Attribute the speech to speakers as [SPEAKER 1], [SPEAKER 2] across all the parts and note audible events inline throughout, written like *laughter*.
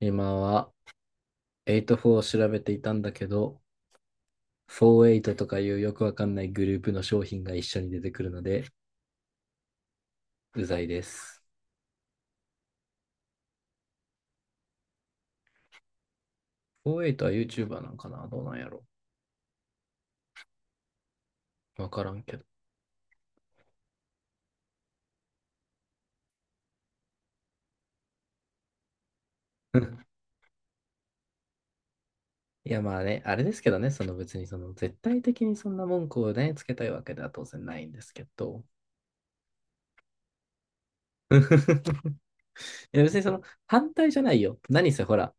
[SPEAKER 1] 今は84を調べていたんだけど、48とかいうよくわかんないグループの商品が一緒に出てくるので、うざいです。48はちは YouTuber なんかな、どうなんやろ、わからんけど。*laughs* いやまあね、あれですけどね、その別にその絶対的にそんな文句をね、つけたいわけでは当然ないんですけど。*laughs* いや別にその反対じゃないよ。何せほら、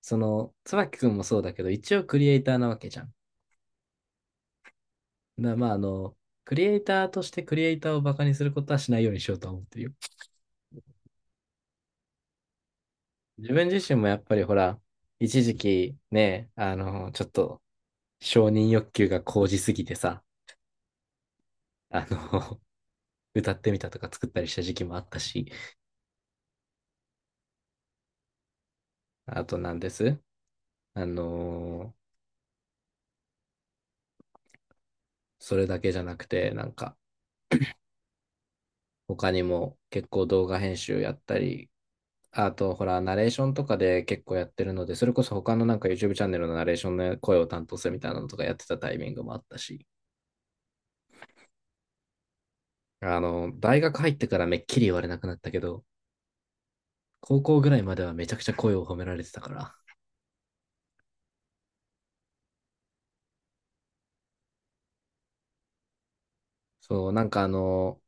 [SPEAKER 1] その椿くんもそうだけど、一応クリエイターなわけじゃん。まあ、クリエイターとしてクリエイターをバカにすることはしないようにしようと思ってるよ。自分自身もやっぱりほら、一時期ね、ちょっと承認欲求が高じすぎてさ、あの、*laughs* 歌ってみたとか作ったりした時期もあったし、あとなんです。あの、それだけじゃなくて、なんか、他にも結構動画編集やったり、あと、ほら、ナレーションとかで結構やってるので、それこそ他のなんか YouTube チャンネルのナレーションの声を担当するみたいなのとかやってたタイミングもあったし、大学入ってからめっきり言われなくなったけど、高校ぐらいまではめちゃくちゃ声を褒められてたから。そう、なんか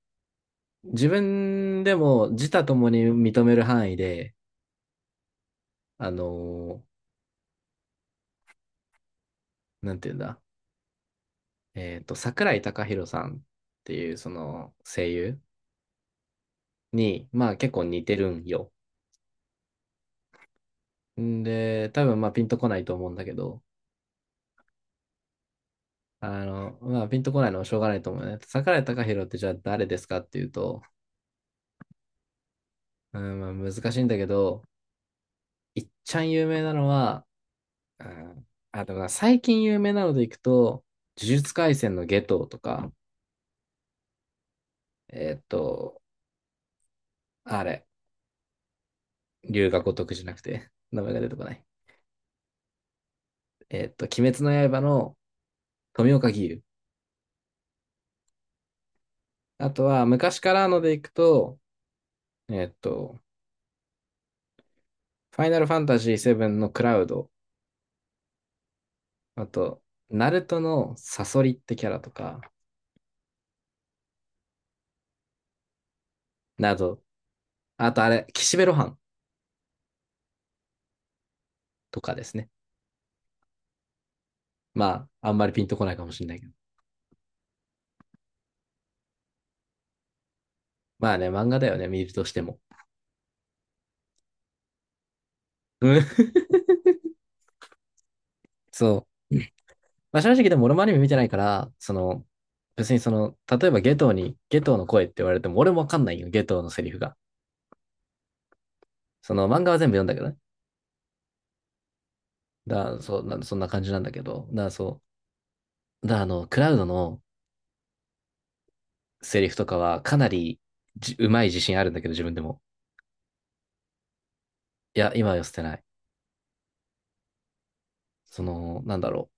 [SPEAKER 1] 自分でも自他ともに認める範囲で、あの、なんていうんだ、桜井孝宏さんっていうその声優に、まあ結構似てるんよ。んで、多分まあピンとこないと思うんだけど、まあピンとこないのはしょうがないと思うね。桜井孝宏ってじゃあ誰ですかっていうと、うん、まあ難しいんだけど、いっちゃん有名なのは、うん、あ、でもな最近有名なのでいくと、呪術廻戦のゲトウとか、えーっと、あれ、龍が如くじゃなくて、名前が出てこない。鬼滅の刃の富岡義勇。あとは、昔からのでいくと、えーっと、ファイナルファンタジー7のクラウド、あと、ナルトのサソリってキャラとか、など、あとあれ、岸辺露伴とかですね。まあ、あんまりピンとこないかもしれないけど。まあね、漫画だよね、見るとしても。うん *laughs* そう。まあ、正直でも俺もアニメ見てないから、その、別にその、例えばゲトウの声って言われても俺もわかんないよ、ゲトウのセリフが。その漫画は全部読んだけどね。だから、そう、そんな感じなんだけど。そう。だ、あの、クラウドのセリフとかはかなりうまい自信あるんだけど、自分でも。いや、今は寄せてない。その、なんだろう。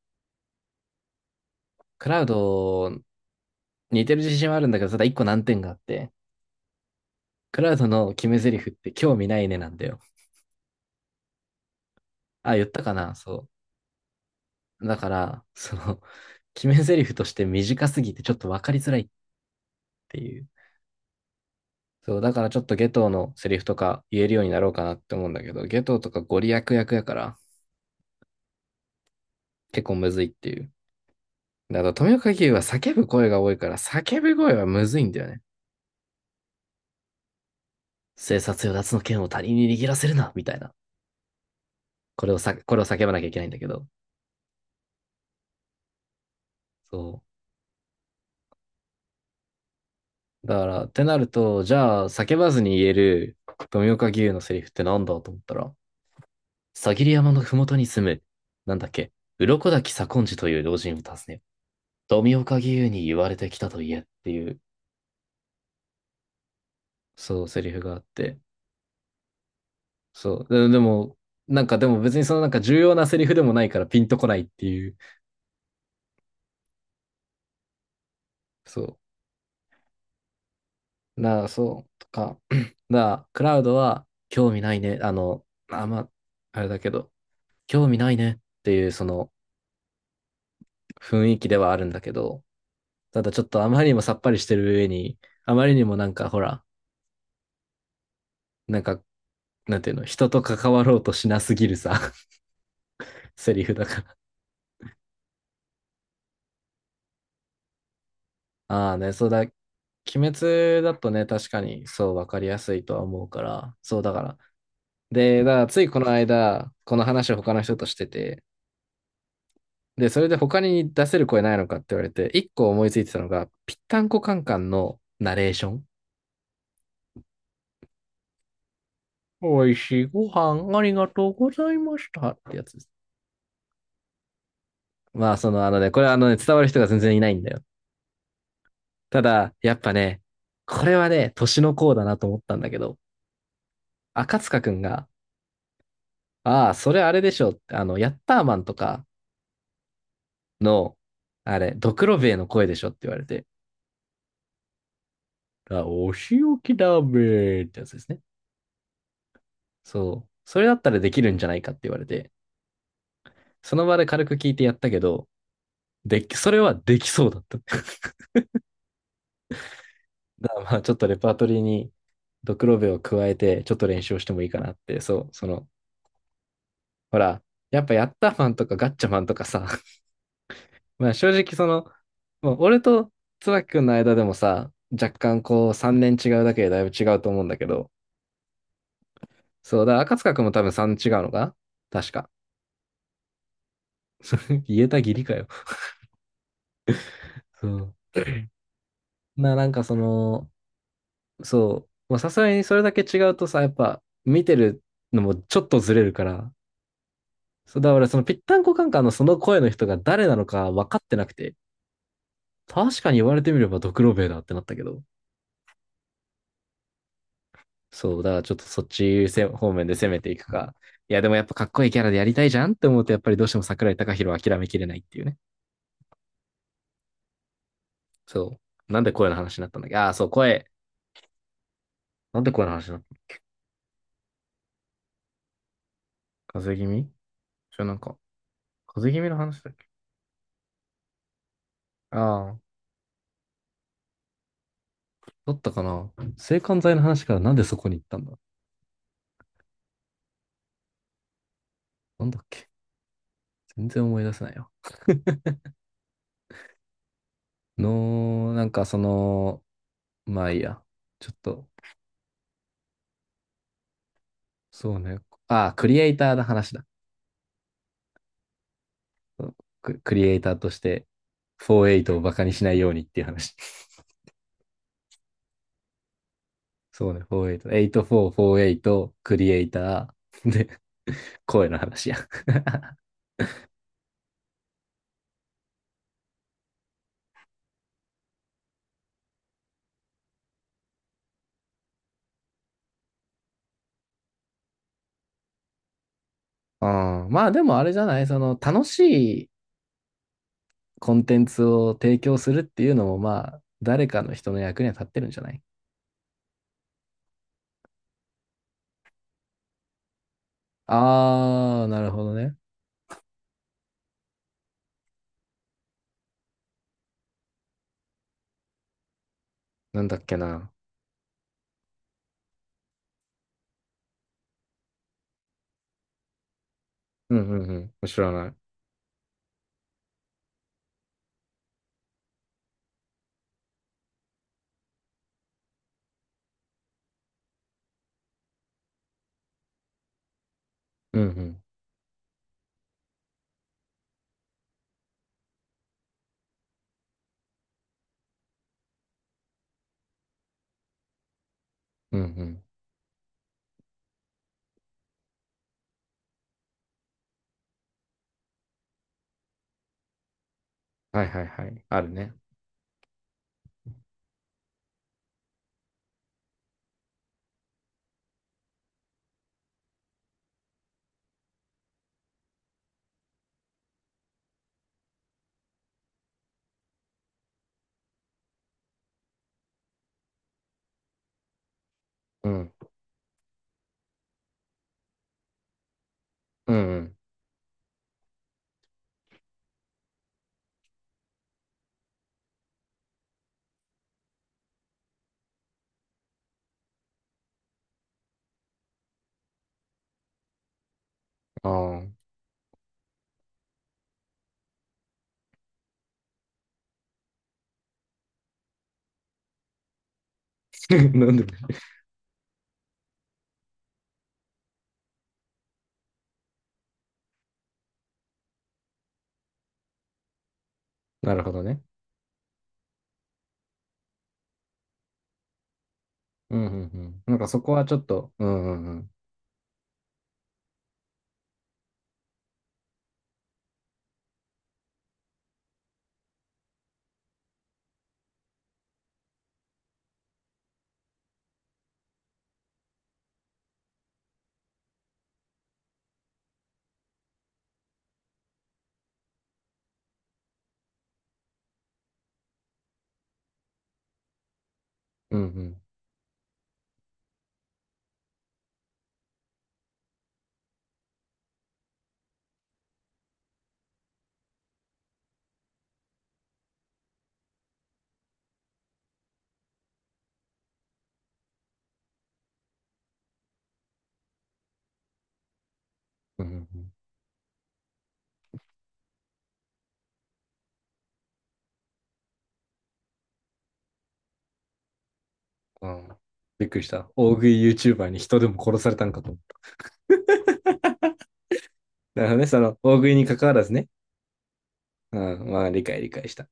[SPEAKER 1] クラウド、似てる自信はあるんだけど、ただ一個難点があって、クラウドの決め台詞って興味ないねなんだよ。あ、言ったかなそう。だから、その、*laughs* 決め台詞として短すぎてちょっと分かりづらいっていう。そう、だからちょっとゲトウのセリフとか言えるようになろうかなって思うんだけど、ゲトウとかゴリ役やから結構むずいっていう。だから富岡義勇は叫ぶ声が多いから叫ぶ声はむずいんだよね。生殺与奪の剣を他人に握らせるな、みたいな。これを叫ばなきゃいけないんだけど。そう。だから、ってなると、じゃあ叫ばずに言える富岡義勇のセリフってなんだと思ったら、さぎり山のふもとに住む、なんだっけ、鱗滝左近次という老人を訪ね、富岡義勇に言われてきたと言えっていう、そう、セリフがあって、そう、でも、なんかでも別にそのなんか重要なセリフでもないからピンとこないっていう、そう、なあ、そう、とか、*clears throat* なあ、クラウドは興味ないね、あ、まあ、あれだけど、興味ないねっていうその雰囲気ではあるんだけど、ただちょっとあまりにもさっぱりしてる上に、あまりにもなんかほら、なんかなんていうの、人と関わろうとしなすぎるさ、*laughs* セリフだから。ああね、そうだ、鬼滅だとね、確かにそう分かりやすいとは思うから、そうだから。で、だからついこの間、この話を他の人としてて、で、それで他に出せる声ないのかって言われて、一個思いついてたのが、ぴったんこカンカンのナレーション。おいしいご飯ありがとうございましたってやつです。まあ、その、あのね、これはあのね、伝わる人が全然いないんだよ。ただ、やっぱね、これはね、年の功だなと思ったんだけど、赤塚くんが、ああ、それあれでしょって、ヤッターマンとかの、あれ、ドクロベエの声でしょって言われて、あ、お仕置きだべーってやつですね。そう。それだったらできるんじゃないかって言われて、その場で軽く聞いてやったけど、それはできそうだった。*laughs* だからまあ、ちょっとレパートリーにドクロベエを加えて、ちょっと練習をしてもいいかなって、そう、その、ほら、やっぱヤッターマンとかガッチャマンとかさ、まあ正直その、まあ、俺と椿君の間でもさ、若干こう3年違うだけでだいぶ違うと思うんだけど、そうだ、赤塚君も多分3違うのか確か。*laughs* 言えたぎりかよ。そう。なんかその、そう、まあさすがにそれだけ違うとさ、やっぱ見てるのもちょっとずれるから、そうだからそのぴったんこカンカンのその声の人が誰なのか分かってなくて、確かに言われてみればドクロベイだってなったけど、そう、だからちょっとそっちせ方面で攻めていくか。いや、でもやっぱかっこいいキャラでやりたいじゃんって思うと、やっぱりどうしても桜井貴宏は諦めきれないっていうね。そう。なんで声の話になったんだっけ？そう、声。なんで声の話になったの？風邪気味じゃなんか、風邪気味の話だっけ？ああー、だったかな。制汗剤の話からなんでそこに行ったんだ？なんだっけ？全然思い出せないよ。の、なんかその、まあいいや。ちょっと、そうね。ああ、クリエイターの話だ。クリエイターとして、48をバカにしないようにっていう話。*laughs* そうね、48。84、48、クリエイター、*laughs* で、声の話や。*laughs* うん、まあでもあれじゃない、その楽しいコンテンツを提供するっていうのもまあ、誰かの人の役には立ってるんじゃない？あー、なるほどね。なんだっけな。うんうんうん。知らない。うんうん。うんうん。はいはいはい。あるね。うん。うんうん。ああ。*laughs* なんでもない *laughs* なるほどね。うんうんうん。なんかそこはちょっと、うんうんうん。うんうんうんうん。うん、びっくりした。大食い YouTuber に人でも殺されたんかと思った。なるほどね。その、大食いに関わらずね。うん。まあ、理解理解した。